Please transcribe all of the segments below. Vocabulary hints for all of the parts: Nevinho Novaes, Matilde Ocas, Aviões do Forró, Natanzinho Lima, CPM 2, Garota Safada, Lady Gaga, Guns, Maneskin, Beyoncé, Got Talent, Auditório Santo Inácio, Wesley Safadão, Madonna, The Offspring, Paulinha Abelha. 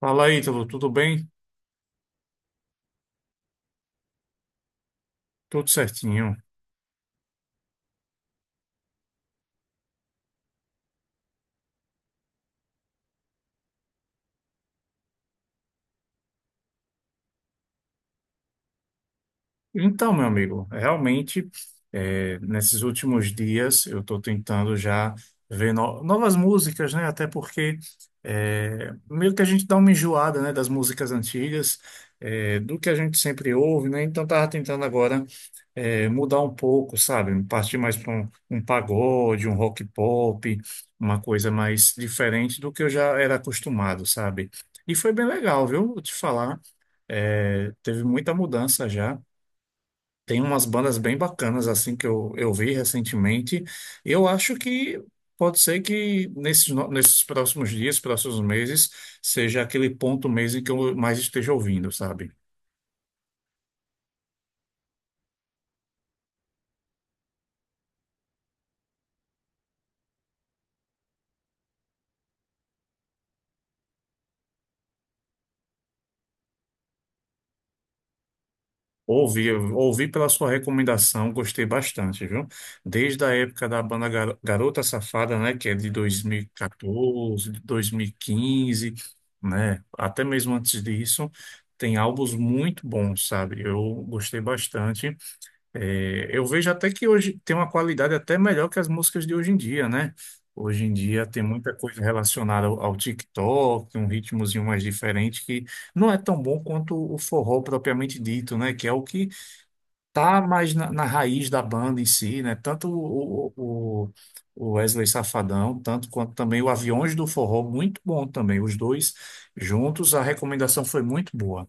Fala aí, Ítalo, tudo bem? Tudo certinho. Então, meu amigo, realmente, nesses últimos dias eu estou tentando já ver novas músicas, né? Até porque meio que a gente dá uma enjoada, né, das músicas antigas, é, do que a gente sempre ouve, né? Então, tava tentando agora mudar um pouco, sabe? Partir mais para um pagode, um rock pop, uma coisa mais diferente do que eu já era acostumado, sabe? E foi bem legal, viu? Vou te falar. É, teve muita mudança já. Tem umas bandas bem bacanas assim que eu vi recentemente. Eu acho que pode ser que nesses, no- nesses próximos dias, próximos meses, seja aquele ponto mês em que eu mais esteja ouvindo, sabe? Ouvi, eu ouvi pela sua recomendação, gostei bastante, viu? Desde a época da banda Garota Safada, né, que é de 2014, de 2015, né, até mesmo antes disso, tem álbuns muito bons, sabe? Eu gostei bastante. É, eu vejo até que hoje tem uma qualidade até melhor que as músicas de hoje em dia, né? Hoje em dia tem muita coisa relacionada ao TikTok, um ritmozinho mais diferente que não é tão bom quanto o forró propriamente dito, né? Que é o que tá mais na raiz da banda em si, né? Tanto o Wesley Safadão, tanto quanto também o Aviões do Forró, muito bom também. Os dois juntos, a recomendação foi muito boa.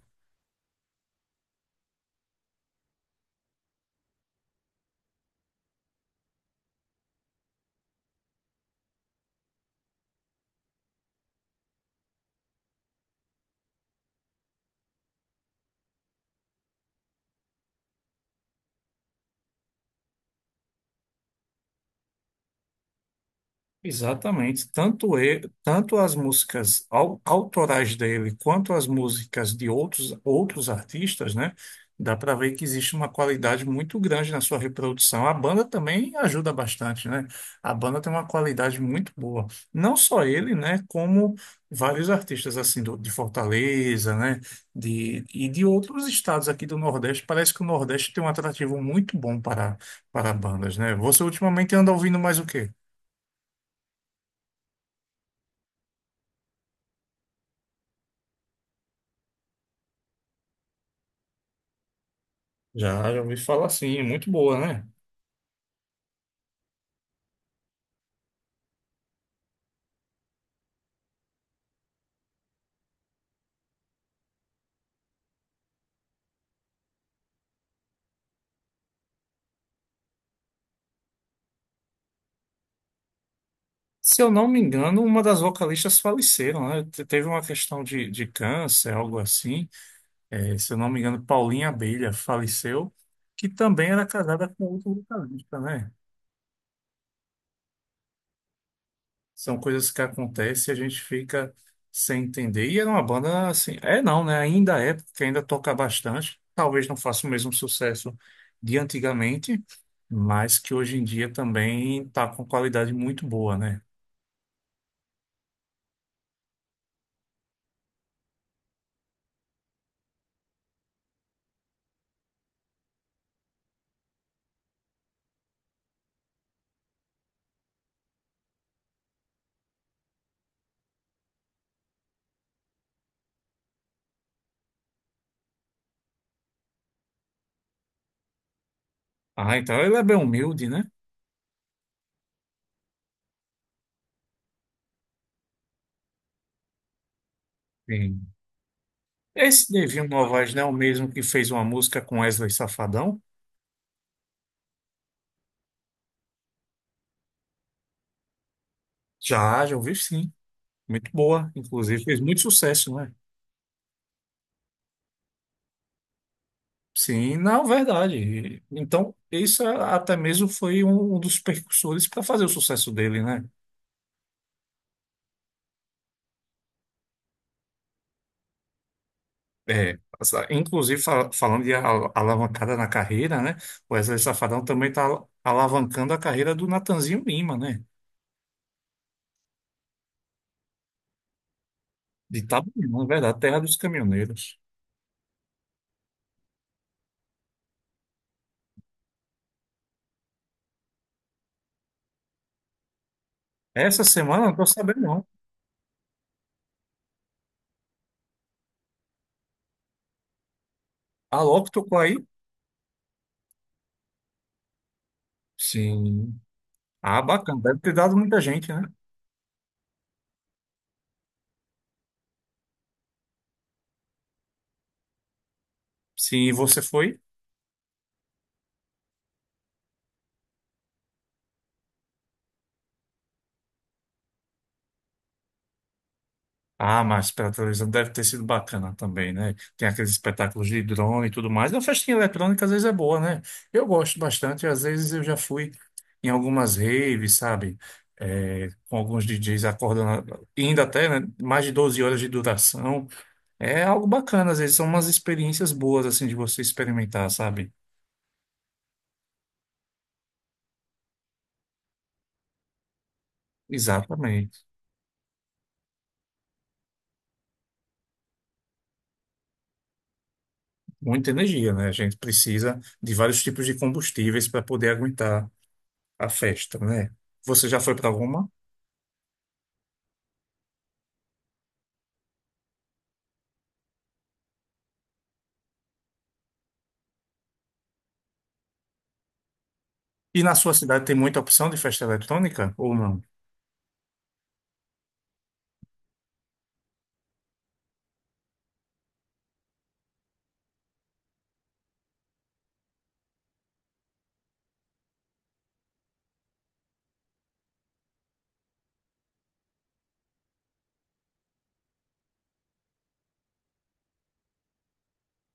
Exatamente. Tanto as músicas autorais dele quanto as músicas de outros artistas, né? Dá para ver que existe uma qualidade muito grande na sua reprodução. A banda também ajuda bastante, né? A banda tem uma qualidade muito boa. Não só ele, né? Como vários artistas assim de Fortaleza, né? E de outros estados aqui do Nordeste. Parece que o Nordeste tem um atrativo muito bom para bandas, né? Você ultimamente anda ouvindo mais o quê? Já, já ouvi falar assim, é muito boa, né? Se eu não me engano, uma das vocalistas faleceram, né? Teve uma questão de câncer, algo assim. É, se eu não me engano, Paulinha Abelha faleceu, que também era casada com outro vocalista, né? São coisas que acontecem e a gente fica sem entender. E era uma banda assim, é não, né? Ainda é, porque ainda toca bastante. Talvez não faça o mesmo sucesso de antigamente, mas que hoje em dia também está com qualidade muito boa, né? Ah, então ele é bem humilde, né? Sim. Esse Nevinho Novaes não é o mesmo que fez uma música com Wesley Safadão? Já, já ouvi sim. Muito boa. Inclusive, fez muito sucesso, né? Sim, não, verdade. Então, isso é, até mesmo foi um dos percussores para fazer o sucesso dele, né? É, falando de alavancada na carreira, né? O Wesley Safadão também está alavancando a carreira do Natanzinho Lima, né? De Itabuna, na verdade, terra dos caminhoneiros. Essa semana eu não estou sabendo, não. Ah, logo tocou aí? Sim. Ah, bacana. Deve ter dado muita gente, né? Sim, e você foi? Ah, mas pela televisão deve ter sido bacana também, né? Tem aqueles espetáculos de drone e tudo mais. A festinha eletrônica às vezes é boa, né? Eu gosto bastante. Às vezes eu já fui em algumas raves, sabe? É, com alguns DJs acordando, ainda até, né? Mais de 12 horas de duração. É algo bacana, às vezes são umas experiências boas, assim, de você experimentar, sabe? Exatamente. Muita energia, né? A gente precisa de vários tipos de combustíveis para poder aguentar a festa, né? Você já foi para alguma? E na sua cidade tem muita opção de festa eletrônica ou não?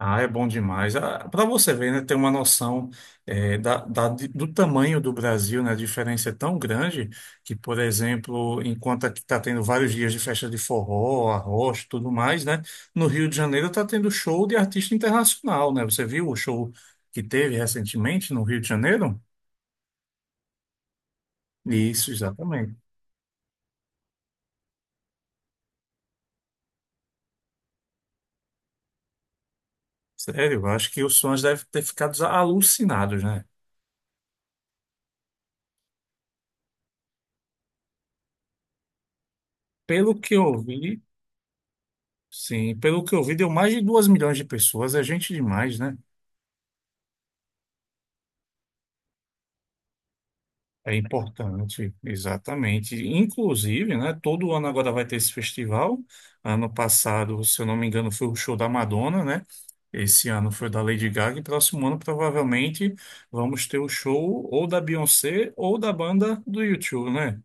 Ah, é bom demais. Para você ver, né, ter uma noção do tamanho do Brasil, né? A diferença é tão grande que, por exemplo, enquanto aqui está tendo vários dias de festa de forró, arroz, tudo mais, né? No Rio de Janeiro está tendo show de artista internacional, né? Você viu o show que teve recentemente no Rio de Janeiro? Isso, exatamente. Sério, eu acho que os fãs devem ter ficado alucinados, né? Pelo que eu vi, sim, pelo que eu vi, deu mais de 2 milhões de pessoas, é gente demais, né? É importante, exatamente. Inclusive, né, todo ano agora vai ter esse festival. Ano passado, se eu não me engano, foi o show da Madonna, né? Esse ano foi o da Lady Gaga e próximo ano provavelmente vamos ter o show ou da Beyoncé ou da banda do YouTube, né?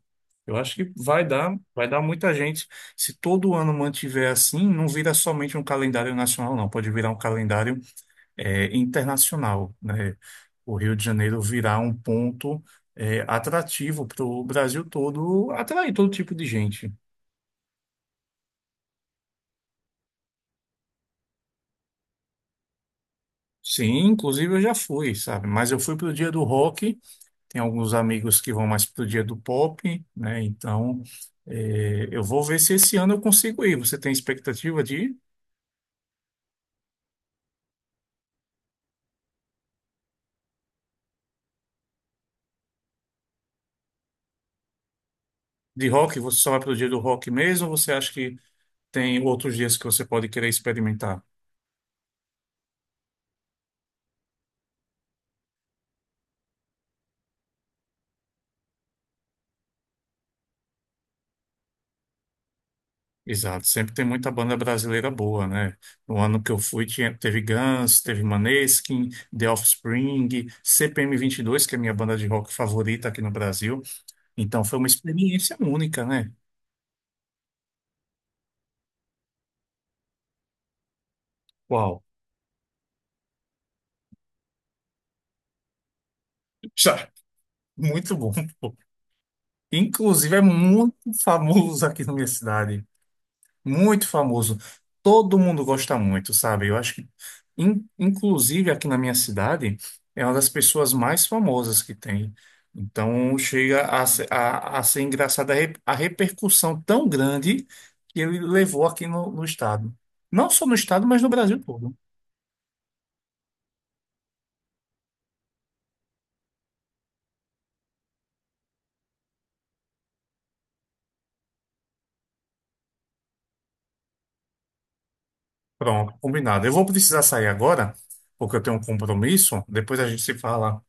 Eu acho que vai dar muita gente. Se todo ano mantiver assim, não vira somente um calendário nacional, não. Pode virar um calendário internacional, né? O Rio de Janeiro virá um ponto atrativo para o Brasil todo, atrair todo tipo de gente. Sim, inclusive eu já fui, sabe? Mas eu fui para o dia do rock, tem alguns amigos que vão mais para o dia do pop, né? Então, eu vou ver se esse ano eu consigo ir. Você tem expectativa de ir? De rock? Você só vai para o dia do rock mesmo ou você acha que tem outros dias que você pode querer experimentar? Exato, sempre tem muita banda brasileira boa, né? No ano que eu fui, teve Guns, teve Maneskin, The Offspring, CPM dois que é a minha banda de rock favorita aqui no Brasil. Então foi uma experiência única, né? Uau, já, muito bom. Pô. Inclusive é muito famoso aqui na minha cidade. Muito famoso. Todo mundo gosta muito, sabe? Eu acho que, inclusive aqui na minha cidade, é uma das pessoas mais famosas que tem. Então, chega a, se- a ser engraçada a repercussão tão grande que ele levou aqui no, no estado. Não só no estado, mas no Brasil todo. Pronto, combinado. Eu vou precisar sair agora, porque eu tenho um compromisso. Depois a gente se fala.